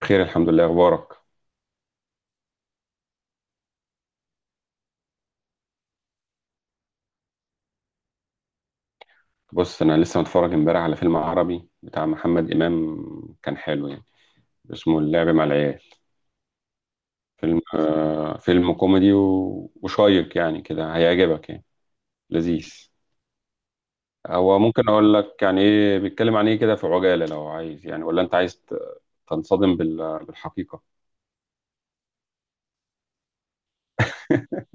بخير الحمد لله، اخبارك. بص، انا لسه متفرج امبارح على فيلم عربي بتاع محمد امام. كان حلو يعني. اسمه اللعب مع العيال. فيلم فيلم كوميدي وشيق يعني كده، هيعجبك يعني. لذيذ. هو ممكن اقول لك يعني ايه بيتكلم عن ايه كده في عجالة، لو عايز يعني، ولا انت عايز تنصدم بالحقيقة؟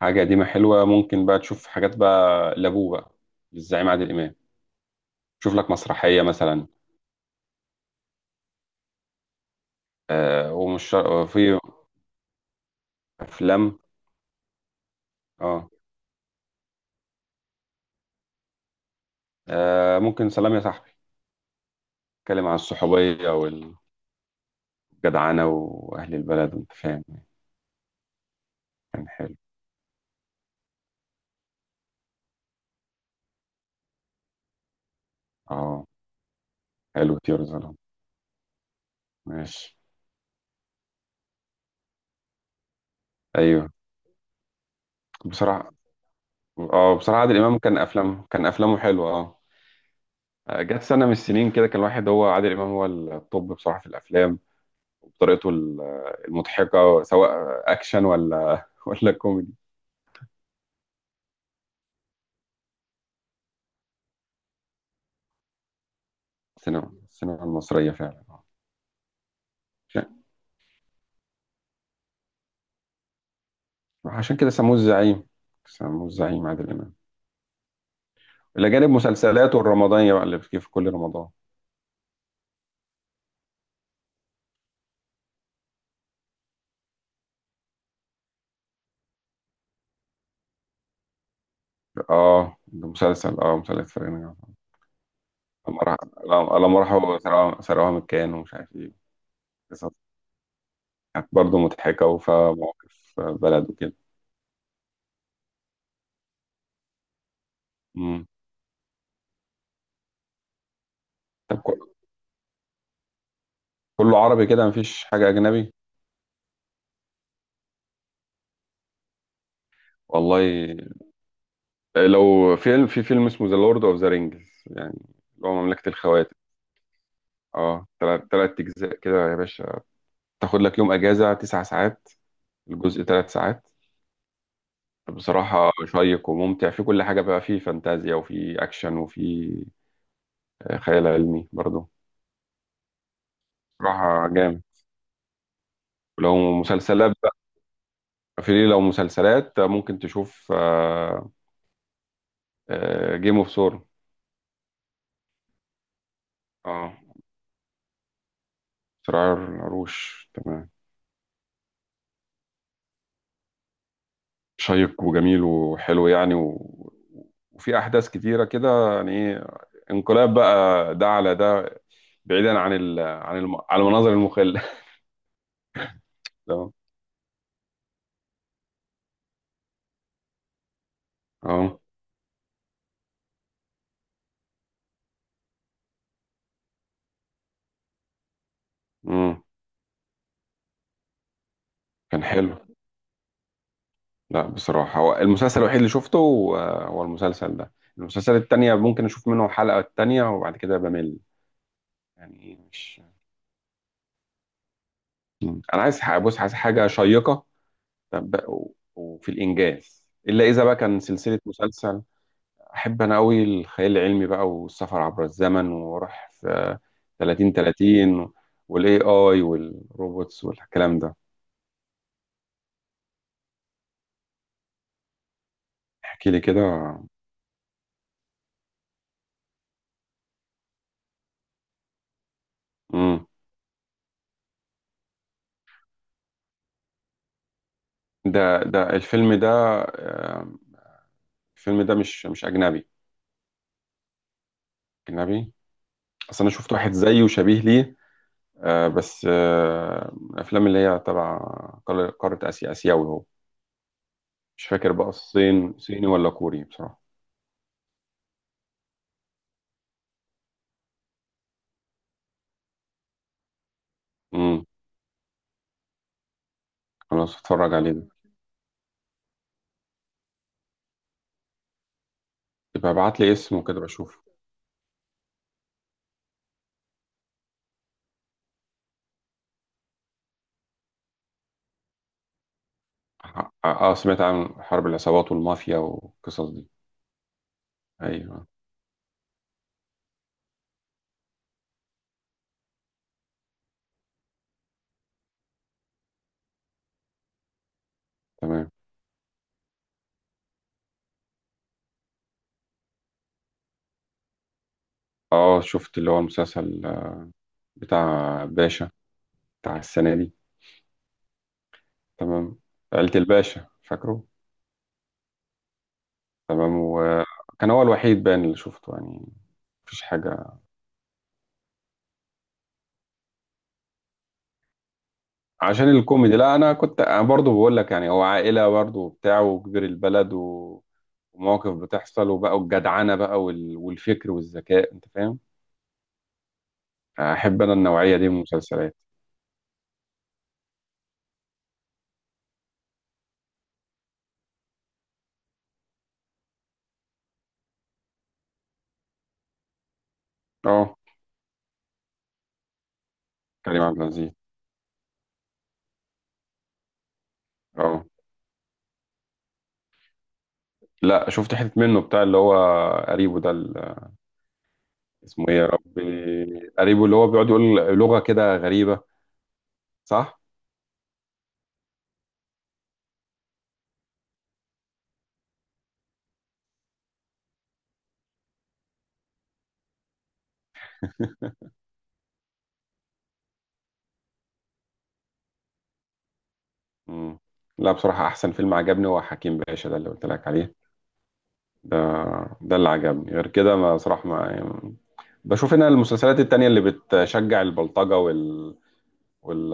حاجة قديمة حلوة، ممكن بقى تشوف حاجات بقى لابوه بقى، للزعيم عادل امام. شوف لك مسرحية مثلا. آه ومش في افلام. اه آه ممكن. سلام يا صاحبي، اتكلم عن الصحوبية والجدعنة وأهل البلد وأنت فاهم. كان حلو. اه حلو طيور الظلام. ماشي. أيوه. بصراحة اه، بصراحة عادل إمام كان أفلامه حلوة اه. آه، جت سنة من السنين كده كان الواحد هو عادل إمام، هو الطب بصراحة في الأفلام، وبطريقته المضحكة، سواء أكشن ولا ولا كوميدي. السينما المصرية فعلا. عشان عشان كده سموه الزعيم. سموه الزعيم عادل إمام، إلى جانب مسلسلاته الرمضانية بقى اللي بتجي في كل رمضان. اه ده مسلسل فرقة ناجي لما راحوا سرقوها من الكيان ومش عارف ايه. قصص كانت برضه مضحكة وفيها مواقف بلد وكده. مم. طب كله عربي كده، مفيش حاجة أجنبي. والله لو فيلم، في فيلم اسمه ذا لورد اوف ذا رينجز يعني، اللي هو مملكة الخواتم. اه تلات أجزاء كده يا باشا. تاخد لك يوم أجازة تسع ساعات، الجزء تلات ساعات. بصراحة شيق وممتع في كل حاجة، بقى فيه فانتازيا وفي أكشن وفي خيال علمي برضو. بصراحة جامد. ولو مسلسلات بقى، في لو مسلسلات ممكن تشوف جيم اوف ثرونز. اه صراع العروش تمام. شيق وجميل وحلو يعني و... وفي أحداث كتيرة كده، يعني إيه، انقلاب بقى ده على ده، بعيدا عن ال... عن الم... على المناظر المخلة. تمام. اه. مم. كان حلو. لا بصراحة، هو المسلسل الوحيد اللي شفته هو المسلسل ده. المسلسل التانية ممكن أشوف منه حلقة التانية وبعد كده بمل، يعني مش. مم. أنا عايز بص، عايز حاجة شيقة. طب- و- وفي الإنجاز إلا إذا بقى كان سلسلة مسلسل. أحب أنا أوي الخيال العلمي بقى والسفر عبر الزمن وأروح في 30 30 والاي اي والروبوتس والكلام ده. احكي لي كده. مم. ده الفيلم ده؟ آه، الفيلم ده مش أجنبي؟ أجنبي. أصل أنا شفت واحد زيه وشبيه ليه آه بس آه من الأفلام اللي هي تبع قارة آسيا، آسيوي هو. مش فاكر بقى الصين صيني ولا كوري بصراحة. امم خلاص اتفرج عليه ده. يبقى ابعت لي اسمه كده بشوف. اه سمعت عن حرب العصابات والمافيا والقصص دي. ايوه تمام. اه شفت اللي هو المسلسل بتاع باشا بتاع السنة دي. تمام. عيلة الباشا فاكره. تمام، وكان هو الوحيد بان اللي شفته يعني. مفيش حاجة. عشان الكوميدي، لا انا كنت أنا برضو بقول لك يعني، هو عائله برضو وبتاع وكبير البلد و... ومواقف بتحصل، وبقى الجدعنه بقى والفكر والذكاء انت فاهم. احب انا النوعيه دي من المسلسلات. اه كريم عبد العزيز. اه لا، شفت حته منه بتاع اللي هو قريبه ده اسمه ايه يا ربي، قريبه اللي هو بيقعد يقول لغه كده غريبه، صح؟ مم. لا بصراحه، احسن فيلم عجبني هو حكيم باشا ده اللي قلت لك عليه. ده ده اللي عجبني، غير كده ما صراحة ما يعني بشوف ان المسلسلات التانية اللي بتشجع البلطجة وال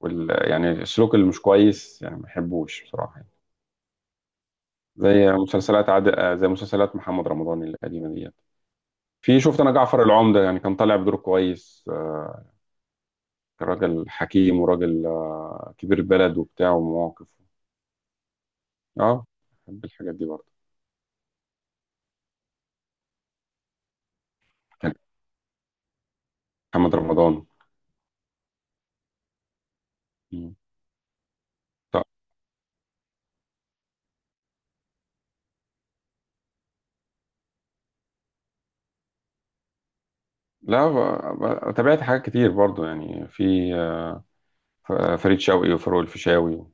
وال يعني السلوك اللي مش كويس، يعني ما بحبوش بصراحة يعني. زي مسلسلات عاد آه، زي مسلسلات محمد رمضان القديمة ديت. في شفت انا جعفر العمدة، يعني كان طالع بدور كويس كان راجل حكيم وراجل كبير بلد وبتاع ومواقف. اه بحب الحاجات دي برضه. كان محمد رمضان. مم. طب لا تابعت حاجات كتير برضو يعني في فريد شوقي وفاروق الفيشاوي،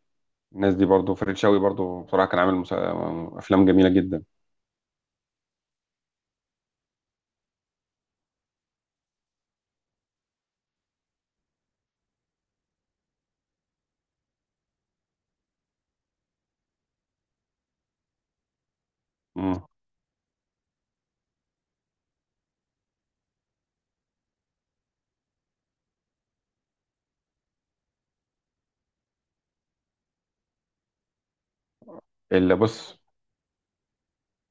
الناس دي برضو. فريد شوقي برضو بصراحة كان عامل أفلام جميلة جدا. مم. اللي بص،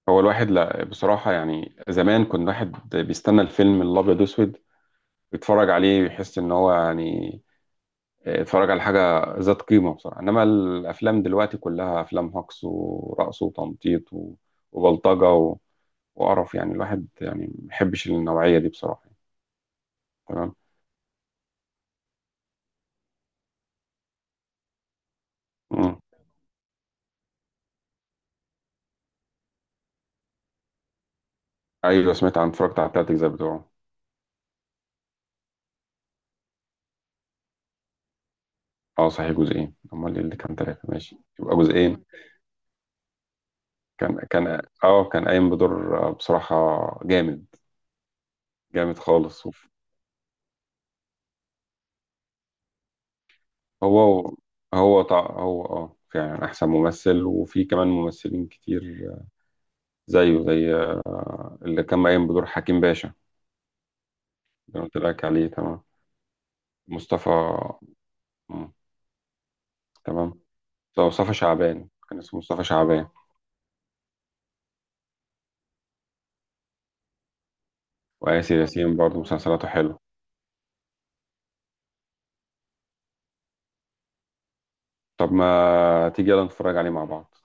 هو الواحد لا بصراحة يعني، زمان كان الواحد بيستنى الفيلم الأبيض وأسود يتفرج عليه ويحس إن هو يعني اتفرج على حاجة ذات قيمة بصراحة. إنما الأفلام دلوقتي كلها أفلام هجص ورقص وتنطيط وبلطجة وقرف، يعني الواحد يعني ما بيحبش النوعية دي بصراحة يعني. تمام. مم. أيوه، سمعت عن، اتفرجت على التلات أجزاء بتوعه. اه صحيح جزئين، امال ايه اللي كان ثلاثه؟ ماشي يبقى جزئين. كان قايم بدور بصراحه جامد، جامد خالص هو هو فعلا احسن ممثل، وفي كمان ممثلين كتير آه، زيه زي اللي كان قايم بدور حكيم باشا اللي قلت لك عليه. تمام مصطفى. مم. تمام، مصطفى شعبان كان اسمه مصطفى شعبان. وآسر ياسين برضه مسلسلاته حلوه. طب ما تيجي يلا نتفرج عليه مع بعض.